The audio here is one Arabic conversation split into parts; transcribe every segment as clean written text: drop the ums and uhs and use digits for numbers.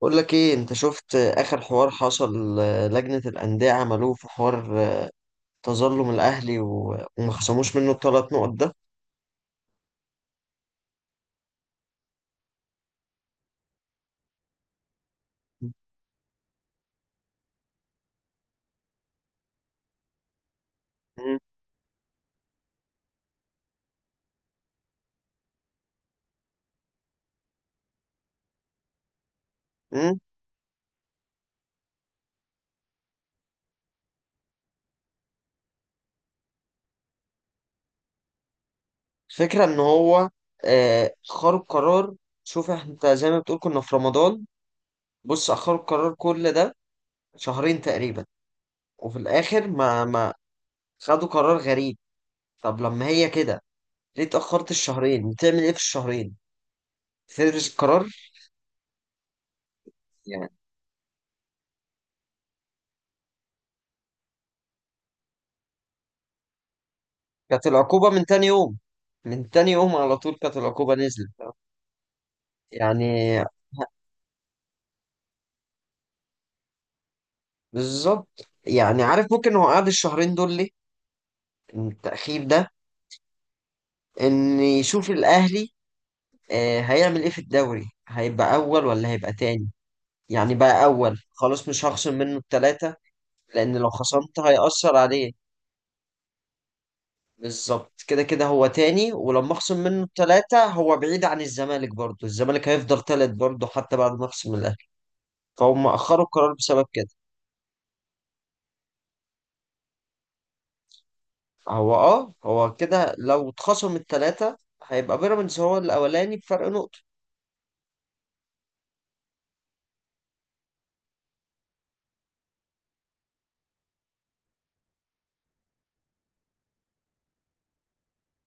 بقول لك ايه، انت شفت اخر حوار حصل؟ لجنة الأندية عملوه في حوار، تظلم الاهلي وما خصموش منه الثلاث نقط ده. مم. مم. الفكرة ان هو اخروا القرار. شوف انت زي ما بتقول كنا في رمضان، بص اخروا القرار كل ده شهرين تقريبا، وفي الاخر ما خدوا قرار غريب. طب لما هي كده ليه اتأخرت الشهرين؟ بتعمل ايه في الشهرين؟ تدرس القرار؟ كانت العقوبة من تاني يوم، من تاني يوم على طول كانت العقوبة نزلت يعني. بالظبط، يعني عارف ممكن هو قعد الشهرين دول ليه؟ التأخير ده إن يشوف الأهلي هيعمل إيه في الدوري، هيبقى أول ولا هيبقى تاني. يعني بقى أول خلاص مش هخصم منه التلاتة، لأن لو خصمت هيأثر عليه. بالظبط، كده كده هو تاني، ولما أخصم منه التلاتة هو بعيد عن الزمالك، برضه الزمالك هيفضل تالت برضه حتى بعد ما أخصم الأهلي. فهم أخروا القرار بسبب كده. هو كده، لو اتخصم التلاتة هيبقى بيراميدز هو الأولاني بفرق نقطة.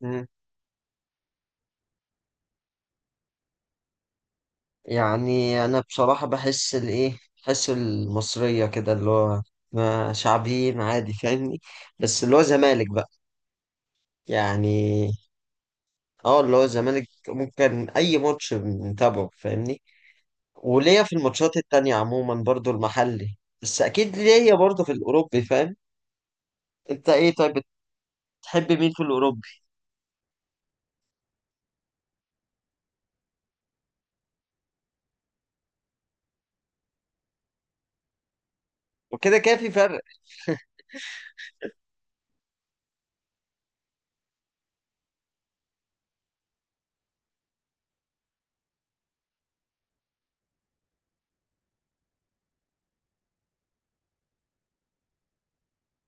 مم. يعني أنا بصراحة بحس الإيه، بحس المصرية كده اللي هو شعبيين، عادي فاهمني؟ بس اللي هو زمالك بقى، يعني اه اللي هو الزمالك ممكن أي ماتش نتابعه فاهمني. وليا في الماتشات التانية عموما برضو المحلي، بس أكيد ليا برضو في الأوروبي، فاهم؟ أنت إيه طيب؟ بتحب مين في الأوروبي؟ وكده كده في فرق.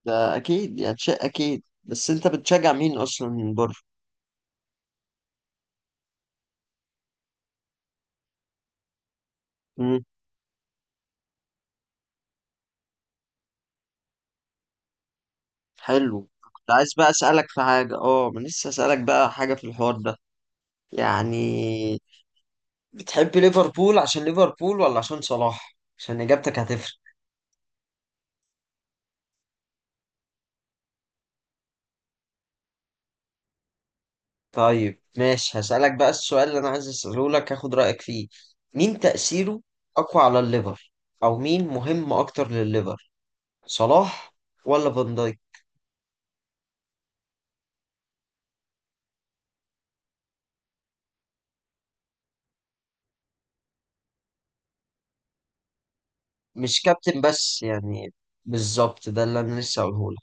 ده اكيد يعني، شيء اكيد، بس انت بتشجع مين اصلا من بره؟ امم حلو، كنت عايز بقى اسالك في حاجه، ما لسه اسالك بقى حاجه في الحوار ده. يعني بتحب ليفربول عشان ليفربول ولا عشان صلاح؟ عشان اجابتك هتفرق. طيب ماشي، هسالك بقى السؤال اللي انا عايز اساله لك هاخد رايك فيه. مين تاثيره اقوى على الليفر، او مين مهم اكتر للليفر، صلاح ولا فان دايك؟ مش كابتن بس يعني. بالظبط، ده اللي انا لسه هقوله.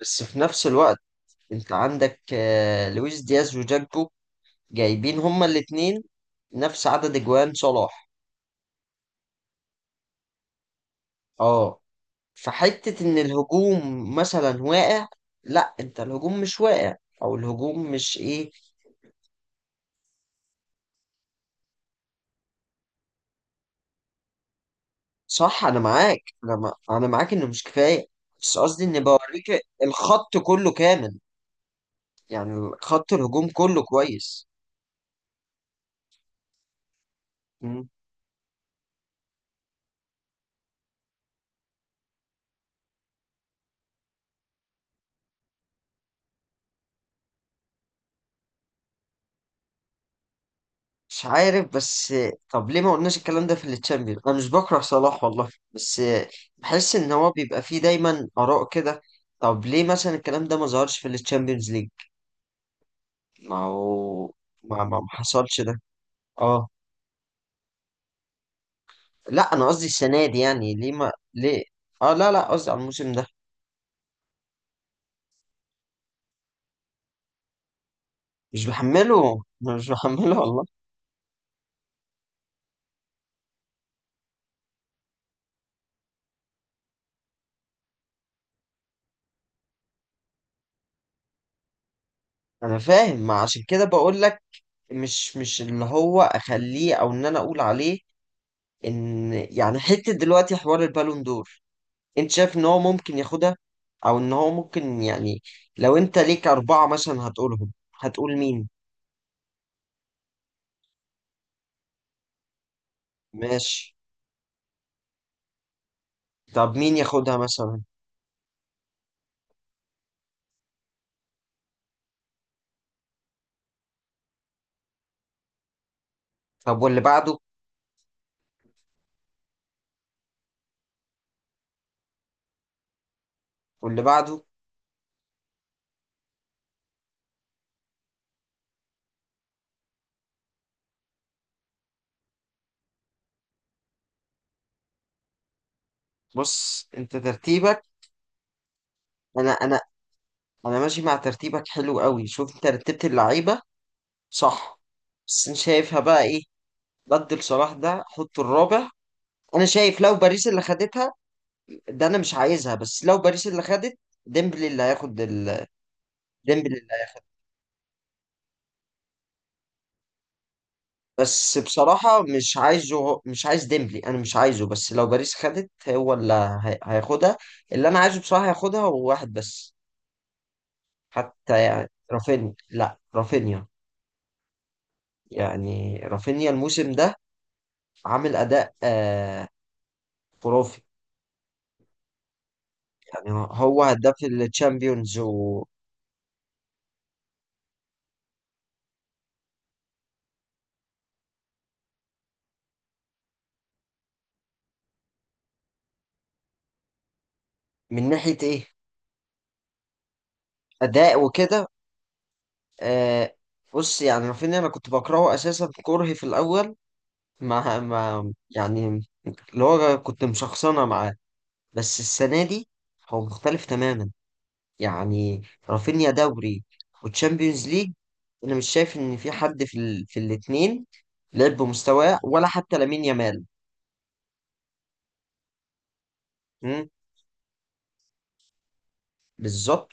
بس في نفس الوقت انت عندك لويس دياز وجاكبو، جايبين هما الاتنين نفس عدد اجوان صلاح. اه. فحتة ان الهجوم مثلا واقع، لا انت الهجوم مش واقع، او الهجوم مش ايه. صح انا معاك، انا معاك انه مش كفاية. بس قصدي ان بوريك، الخط كله كامل، يعني خط الهجوم كله كويس. مش عارف بس، طب ليه ما قلناش الكلام ده في التشامبيون؟ انا مش بكره صلاح والله، بس بحس ان هو بيبقى فيه دايما اراء كده. طب ليه مثلا الكلام ده ما ظهرش في التشامبيونز ليج؟ ما هو ما حصلش ده. اه، لا انا قصدي السنه دي، يعني ليه. اه، لا لا، قصدي على الموسم ده. مش بحمله، مش بحمله والله. انا فاهم، ما عشان كده بقول لك. مش اللي هو اخليه او ان انا اقول عليه، ان يعني حته دلوقتي حوار البالون دور. انت شايف ان هو ممكن ياخدها؟ او ان هو ممكن يعني، لو انت ليك اربعة مثلا هتقولهم، هتقول مين؟ ماشي. طب مين ياخدها مثلا؟ طب واللي بعده؟ واللي بعده؟ بص انت ترتيبك، انا انا انا ماشي مع ترتيبك، حلو قوي. شوف انت رتبت اللعيبة صح؟ بس انا شايفها بقى ايه، بدل صلاح ده حط الرابع. انا شايف لو باريس اللي خدتها، ده انا مش عايزها، بس لو باريس اللي خدت ديمبلي اللي هياخد ديمبلي. بس بصراحة، مش عايز ديمبلي، أنا مش عايزه. بس لو باريس خدت هو اللي هياخدها. اللي أنا عايزه بصراحة هياخدها هو واحد بس. حتى يعني رافينيا، لا رافينيا، يعني رافينيا الموسم ده عامل أداء خرافي. يعني هو هداف الشامبيونز، ومن ناحية إيه؟ أداء وكده آه بص. يعني رافينيا، أنا كنت بكرهه أساسا، كرهي في الأول ما يعني اللي هو كنت مشخصنة معاه. بس السنة دي هو مختلف تماما، يعني رافينيا دوري وتشامبيونز ليج، انا مش شايف ان في حد في في الاتنين لعب بمستواه، ولا حتى لامين يامال. مم، بالظبط.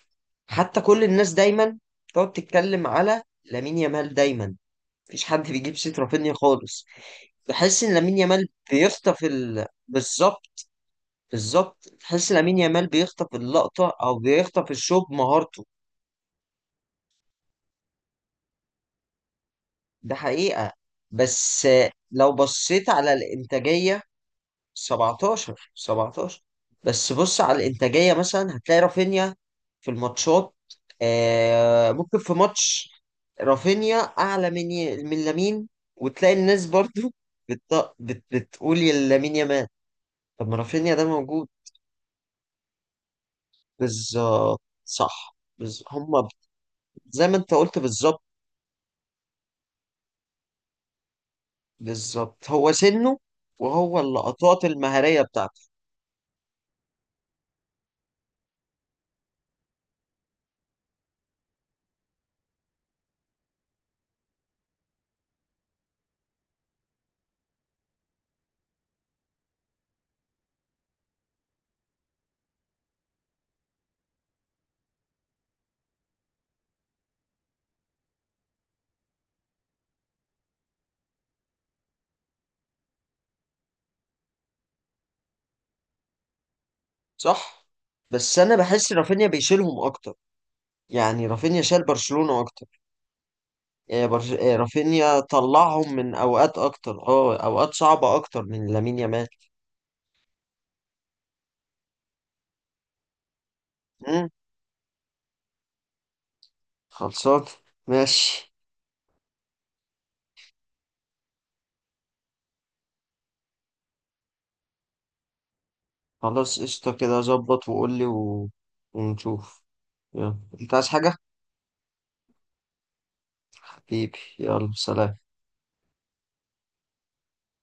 حتى كل الناس دايما تقعد تتكلم على لامين يامال دايما، مفيش حد بيجيب سيرة رافينيا خالص. بحس ان لامين يامال بيخطف بالظبط. بالظبط، بحس لامين يامال بيخطف اللقطة او بيخطف الشوط بمهارته. ده حقيقة. بس لو بصيت على الإنتاجية، 17، 17. بس بص على الإنتاجية مثلا، هتلاقي رافينيا في الماتشات، ممكن في ماتش رافينيا أعلى من من لامين. وتلاقي الناس برضو بتقول يا لامين يامال، طب ما رافينيا ده موجود. بالظبط صح، زي ما أنت قلت، بالظبط. بالظبط هو سنه، وهو اللقطات المهارية بتاعته. صح. بس انا بحس رافينيا بيشيلهم اكتر، يعني رافينيا شال برشلونة اكتر. آه، برش... آه، رافينيا طلعهم من اوقات اكتر، اوقات صعبة اكتر من لامين يامال. مم، خلصان ماشي. خلاص قشطة كده، ظبط وقول لي ونشوف. يلا، انت عايز حاجة؟ حبيبي يلا سلام.